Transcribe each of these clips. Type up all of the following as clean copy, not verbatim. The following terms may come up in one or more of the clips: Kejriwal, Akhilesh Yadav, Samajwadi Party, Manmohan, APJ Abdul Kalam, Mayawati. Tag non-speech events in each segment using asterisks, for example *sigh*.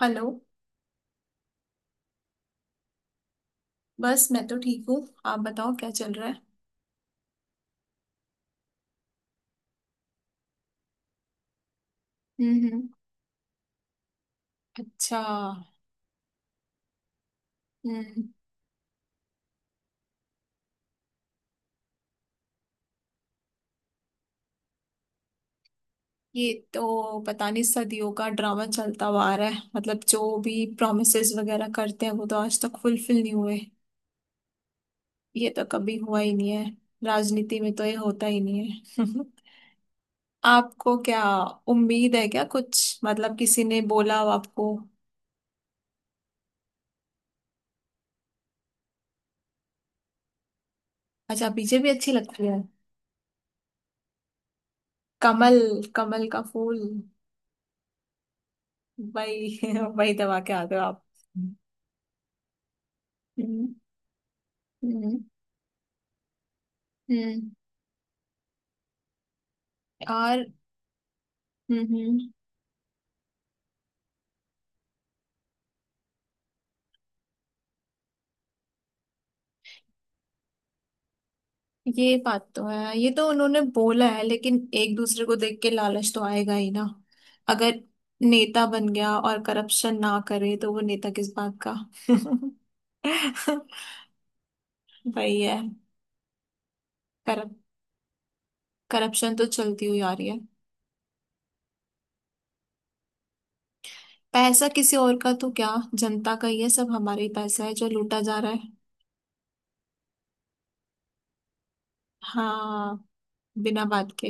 Hello. बस मैं तो ठीक हूँ। आप बताओ क्या चल रहा है। हम्म। अच्छा। हम्म। ये तो पता नहीं, सदियों का ड्रामा चलता हुआ आ रहा है। मतलब जो भी प्रॉमिसेस वगैरह करते हैं वो तो आज तक फुलफिल नहीं हुए। ये तो कभी हुआ ही नहीं है। राजनीति में तो ये होता ही नहीं है *laughs* आपको क्या उम्मीद है क्या, कुछ मतलब किसी ने बोला हो आपको। अच्छा, BJP अच्छी लगती है। कमल, कमल का फूल। वही *laughs* वही दबा के आते हो आप। हम्म हम्म। और। हम्म। ये बात तो है, ये तो उन्होंने बोला है, लेकिन एक दूसरे को देख के लालच तो आएगा ही ना। अगर नेता बन गया और करप्शन ना करे तो वो नेता किस बात का। *laughs* वही है। करप करप्शन तो चलती हुई आ रही है। पैसा किसी और का तो क्या, जनता का ही है, सब हमारा ही पैसा है जो लूटा जा रहा है। हाँ बिना बात के।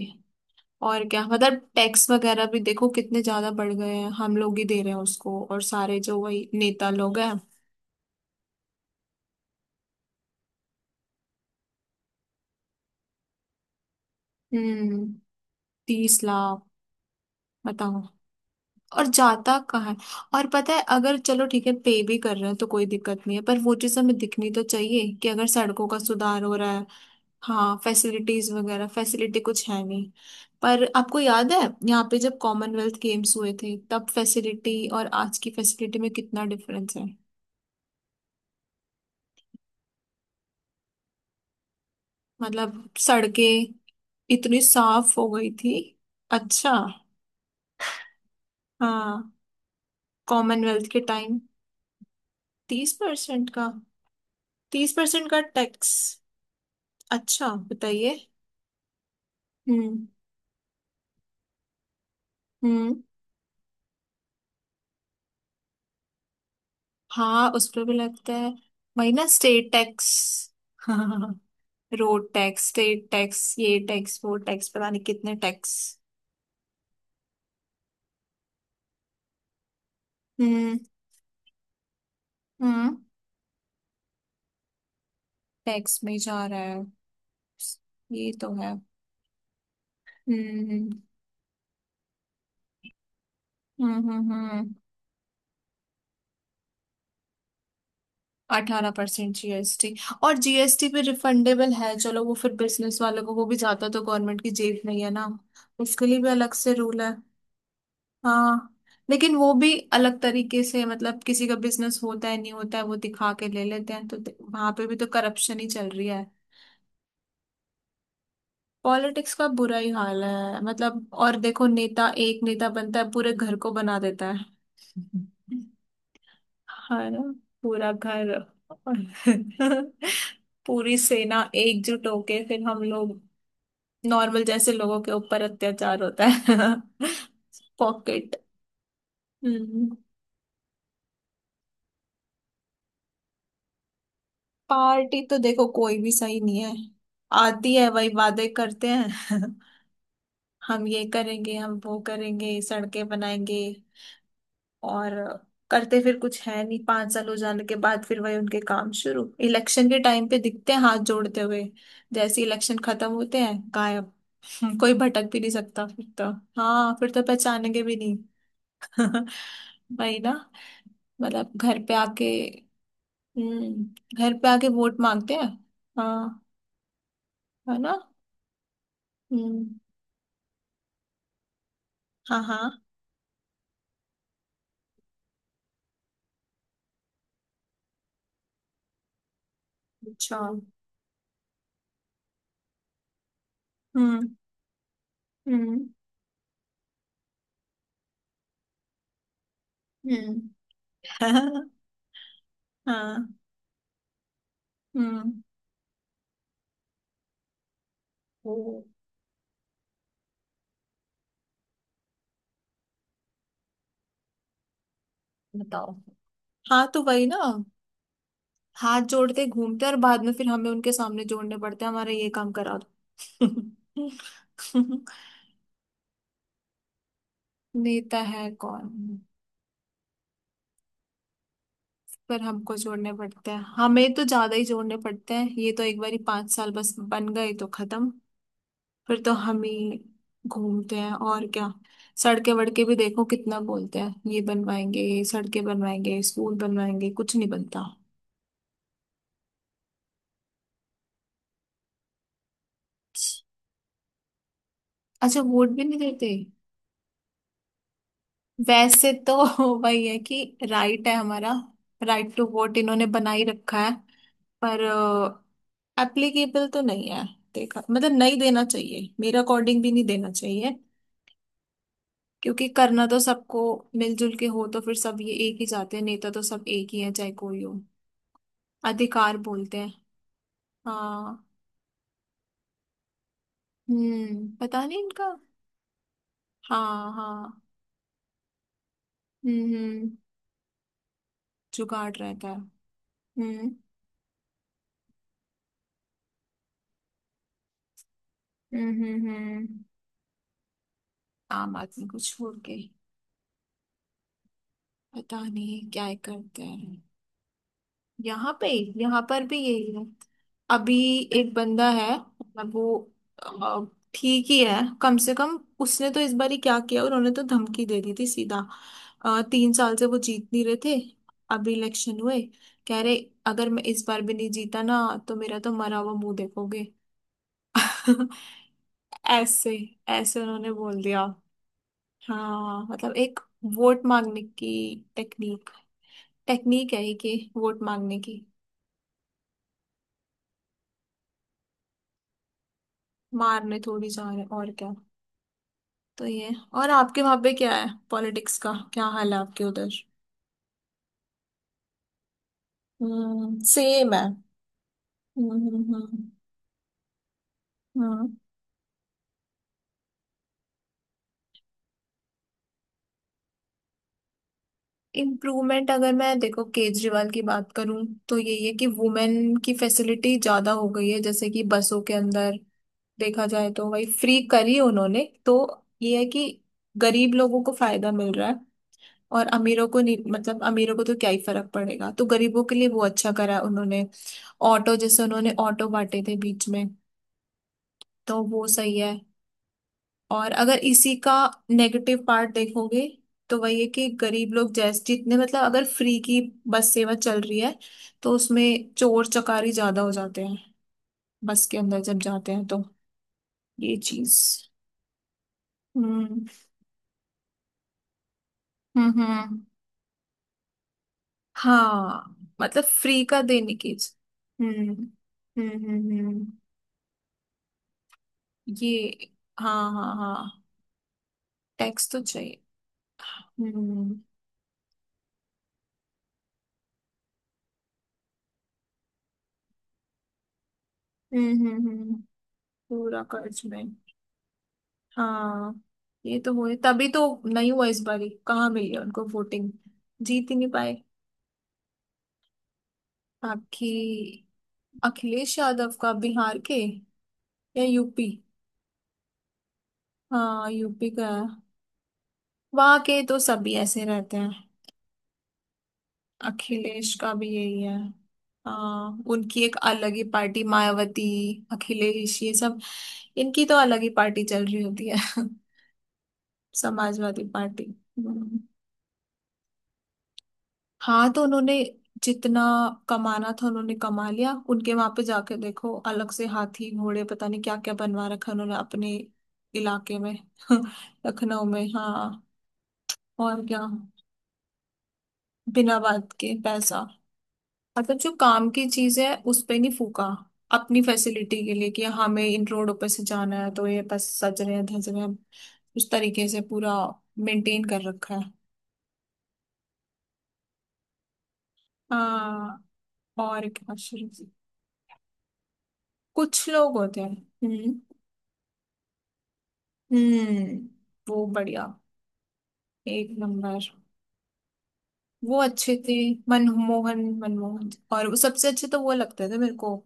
और क्या, मतलब टैक्स वगैरह भी देखो कितने ज्यादा बढ़ गए हैं, हम लोग ही दे रहे हैं उसको, और सारे जो वही नेता लोग हैं। हम्म। 30 लाख। बताओ। और जाता कहाँ है। और पता है, अगर चलो ठीक है पे भी कर रहे हैं तो कोई दिक्कत नहीं है, पर वो चीज हमें दिखनी तो चाहिए कि अगर सड़कों का सुधार हो रहा है। हाँ फैसिलिटीज वगैरह, फैसिलिटी कुछ है नहीं। पर आपको याद है, यहाँ पे जब कॉमनवेल्थ गेम्स हुए थे तब फैसिलिटी और आज की फैसिलिटी में कितना डिफरेंस है। मतलब सड़कें इतनी साफ हो गई थी। अच्छा। हाँ, कॉमनवेल्थ के टाइम। 30% का, 30% का टैक्स। अच्छा बताइए। हम्म हम्म। हाँ उस पर भी लगता है, वही ना स्टेट टैक्स। हाँ रोड टैक्स, स्टेट टैक्स *laughs* ये टैक्स वो टैक्स, पता नहीं कितने टैक्स। हम्म हम्म। टैक्स में ही जा रहा है। ये तो है। हम्म हम्म। हम्म। 18% GST। और जीएसटी भी रिफंडेबल है, चलो वो फिर बिजनेस वालों को, वो भी जाता तो गवर्नमेंट की जेब नहीं है ना। उसके लिए भी अलग से रूल है। हाँ। लेकिन वो भी अलग तरीके से, मतलब किसी का बिजनेस होता है नहीं होता है वो दिखा के ले लेते हैं, तो वहां पे भी तो करप्शन ही चल रही है। पॉलिटिक्स का बुरा ही हाल है, मतलब और देखो, नेता, एक नेता बनता है पूरे घर को बना देता है *laughs* हाँ ना, पूरा घर। और *laughs* पूरी सेना एकजुट होके फिर हम लोग, नॉर्मल जैसे लोगों के ऊपर अत्याचार होता है। *laughs* पॉकेट। हम्म। पार्टी तो देखो कोई भी सही नहीं है। आती है वही वादे करते हैं *laughs* हम ये करेंगे, हम वो करेंगे, सड़कें बनाएंगे। और करते फिर कुछ है नहीं, 5 साल हो जाने के बाद फिर वही उनके काम शुरू, इलेक्शन के टाइम पे दिखते हैं हाथ जोड़ते हुए। जैसे इलेक्शन खत्म होते हैं, गायब। कोई भटक भी नहीं सकता फिर तो। हाँ फिर तो पहचानेंगे भी नहीं। *laughs* वही ना। मतलब घर पे आके। हम्म। घर पे आके वोट मांगते हैं। हाँ। है ना। हम्म। हाँ हाँ। अच्छा। हम्म हम्म हम्म *laughs* हाँ। हम्म। ओ। बताओ। हाँ तो वही ना। हाथ जोड़ते घूमते, और बाद में फिर हमें उनके सामने जोड़ने पड़ते हैं, हमारा ये काम करा दो *laughs* नेता है कौन। पर हमको जोड़ने पड़ते हैं, हमें तो ज्यादा ही जोड़ने पड़ते हैं, ये तो एक बारी 5 साल, बस बन गए तो खत्म। फिर तो हम ही घूमते हैं, और क्या। सड़के वड़के भी देखो कितना बोलते हैं, ये बनवाएंगे, ये सड़कें बनवाएंगे, स्कूल बनवाएंगे, कुछ नहीं बनता। अच्छा, वोट भी नहीं देते। वैसे तो *laughs* वही है कि राइट है हमारा, राइट टू वोट इन्होंने बना ही रखा है। पर एप्लीकेबल तो नहीं है। देखा, मतलब नहीं देना चाहिए, मेरे अकॉर्डिंग भी नहीं देना चाहिए। क्योंकि करना तो सबको मिलजुल के हो, तो फिर सब ये एक ही चाहते हैं, नेता तो सब एक ही है चाहे कोई हो। अधिकार बोलते हैं। हाँ। हम्म, पता नहीं इनका। हाँ हाँ। हम्म। जुगाड़ रहता है। हम्म हम्म हम्म हम्म। आम आदमी को छोड़ के। पता नहीं क्या ही करते हैं। यहाँ पे, यहाँ पर भी यही है। अभी एक बंदा है, मतलब वो अ, ठीक ही है, कम से कम उसने तो इस बार ही क्या किया, उन्होंने तो धमकी दे दी थी सीधा। 3 साल से वो जीत नहीं रहे थे। अभी इलेक्शन हुए, कह रहे, अगर मैं इस बार भी नहीं जीता ना, तो मेरा तो मरा हुआ मुंह देखोगे *laughs* ऐसे, ऐसे उन्होंने बोल दिया। हाँ मतलब एक वोट मांगने की टेक्निक, टेक्निक है ये कि वोट मांगने की। मारने थोड़ी जा रहे हैं, और क्या। तो ये, और आपके वहां पे क्या है, पॉलिटिक्स का क्या हाल है आपके उधर। सेम है। हम्म हम्म हम्म। इम्प्रूवमेंट अगर मैं देखो, केजरीवाल की बात करूं तो यही है कि वुमेन की फैसिलिटी ज्यादा हो गई है, जैसे कि बसों के अंदर, देखा जाए तो वही फ्री करी उन्होंने तो। ये है कि गरीब लोगों को फायदा मिल रहा है, और अमीरों को नहीं, मतलब अमीरों को तो क्या ही फर्क पड़ेगा, तो गरीबों के लिए वो अच्छा करा है उन्होंने। ऑटो, जैसे उन्होंने ऑटो बांटे थे बीच में, तो वो सही है। और अगर इसी का नेगेटिव पार्ट देखोगे तो वही है कि गरीब लोग, जैसे जितने, मतलब अगर फ्री की बस सेवा चल रही है तो उसमें चोर चकारी ज्यादा हो जाते हैं, बस के अंदर जब जाते हैं, तो ये चीज। हम्म हम्म। हाँ मतलब फ्री का देने की। हम्म हम्म। ये, हाँ हाँ हाँ। टैक्स तो चाहिए। हम्म हम्म। पूरा कर्ज में। हाँ ये तो हुए तभी, तो नहीं हुआ इस बारी, कहाँ मिली उनको वोटिंग, जीत ही नहीं पाए। बाकी अखिलेश यादव का, बिहार के या यूपी। हाँ यूपी का है, वहाँ के तो सभी ऐसे रहते हैं। अखिलेश का भी यही है। हाँ उनकी एक अलग ही पार्टी, मायावती, अखिलेश, ये सब। इनकी तो अलग ही पार्टी चल रही होती है *laughs* समाजवादी पार्टी। हाँ तो उन्होंने जितना कमाना था उन्होंने कमा लिया, उनके वहां पे जाके देखो अलग से हाथी घोड़े पता नहीं क्या क्या बनवा रखा उन्होंने अपने इलाके में *laughs* लखनऊ में हाँ। और क्या, बिना बात के पैसा, मतलब जो काम की चीज है उस पे नहीं फूका। अपनी फैसिलिटी के लिए कि हाँ, हमें इन रोडों पे से जाना है, तो ये बस सज रहे हैं धज रहे हैं, उस तरीके से पूरा मेंटेन कर रखा है। हाँ और क्या शुरू से। कुछ लोग होते हैं। हम्म हम्म। वो बढ़िया, एक नंबर। वो अच्छे थे। मनमोहन, मनमोहन। और वो सबसे अच्छे तो वो लगते थे मेरे को।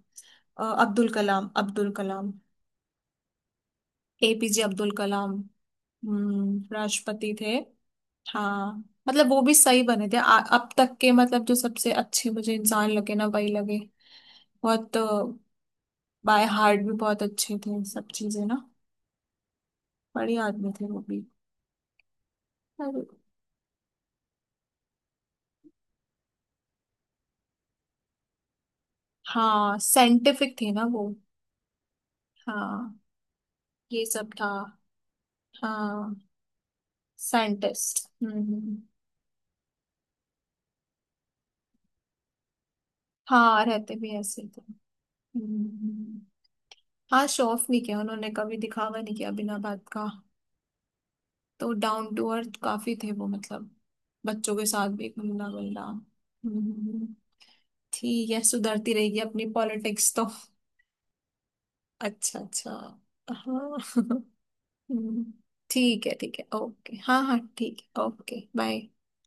अब्दुल कलाम, अब्दुल कलाम, APJ अब्दुल कलाम। हम्म, राष्ट्रपति थे। हाँ, मतलब वो भी सही बने थे। अब तक के, मतलब जो सबसे अच्छे मुझे इंसान लगे ना, वही लगे। बहुत बाय हार्ट भी बहुत अच्छे थे सब चीजें ना। बढ़िया आदमी थे वो भी। और हाँ साइंटिफिक थे ना वो। हाँ ये सब था। हाँ साइंटिस्ट। हाँ रहते भी ऐसे ही थे। हम्म हम्म। हाँ, शो ऑफ नहीं किया उन्होंने, कभी दिखावा नहीं किया बिना बात का। तो डाउन टू अर्थ काफी थे वो, मतलब बच्चों के साथ भी मिलना मिलना। ठीक है, सुधरती रहेगी अपनी पॉलिटिक्स तो। अच्छा अच्छा। हाँ *laughs* हम्म। ठीक है ठीक है, ओके, हाँ हाँ ठीक है, ओके बाय।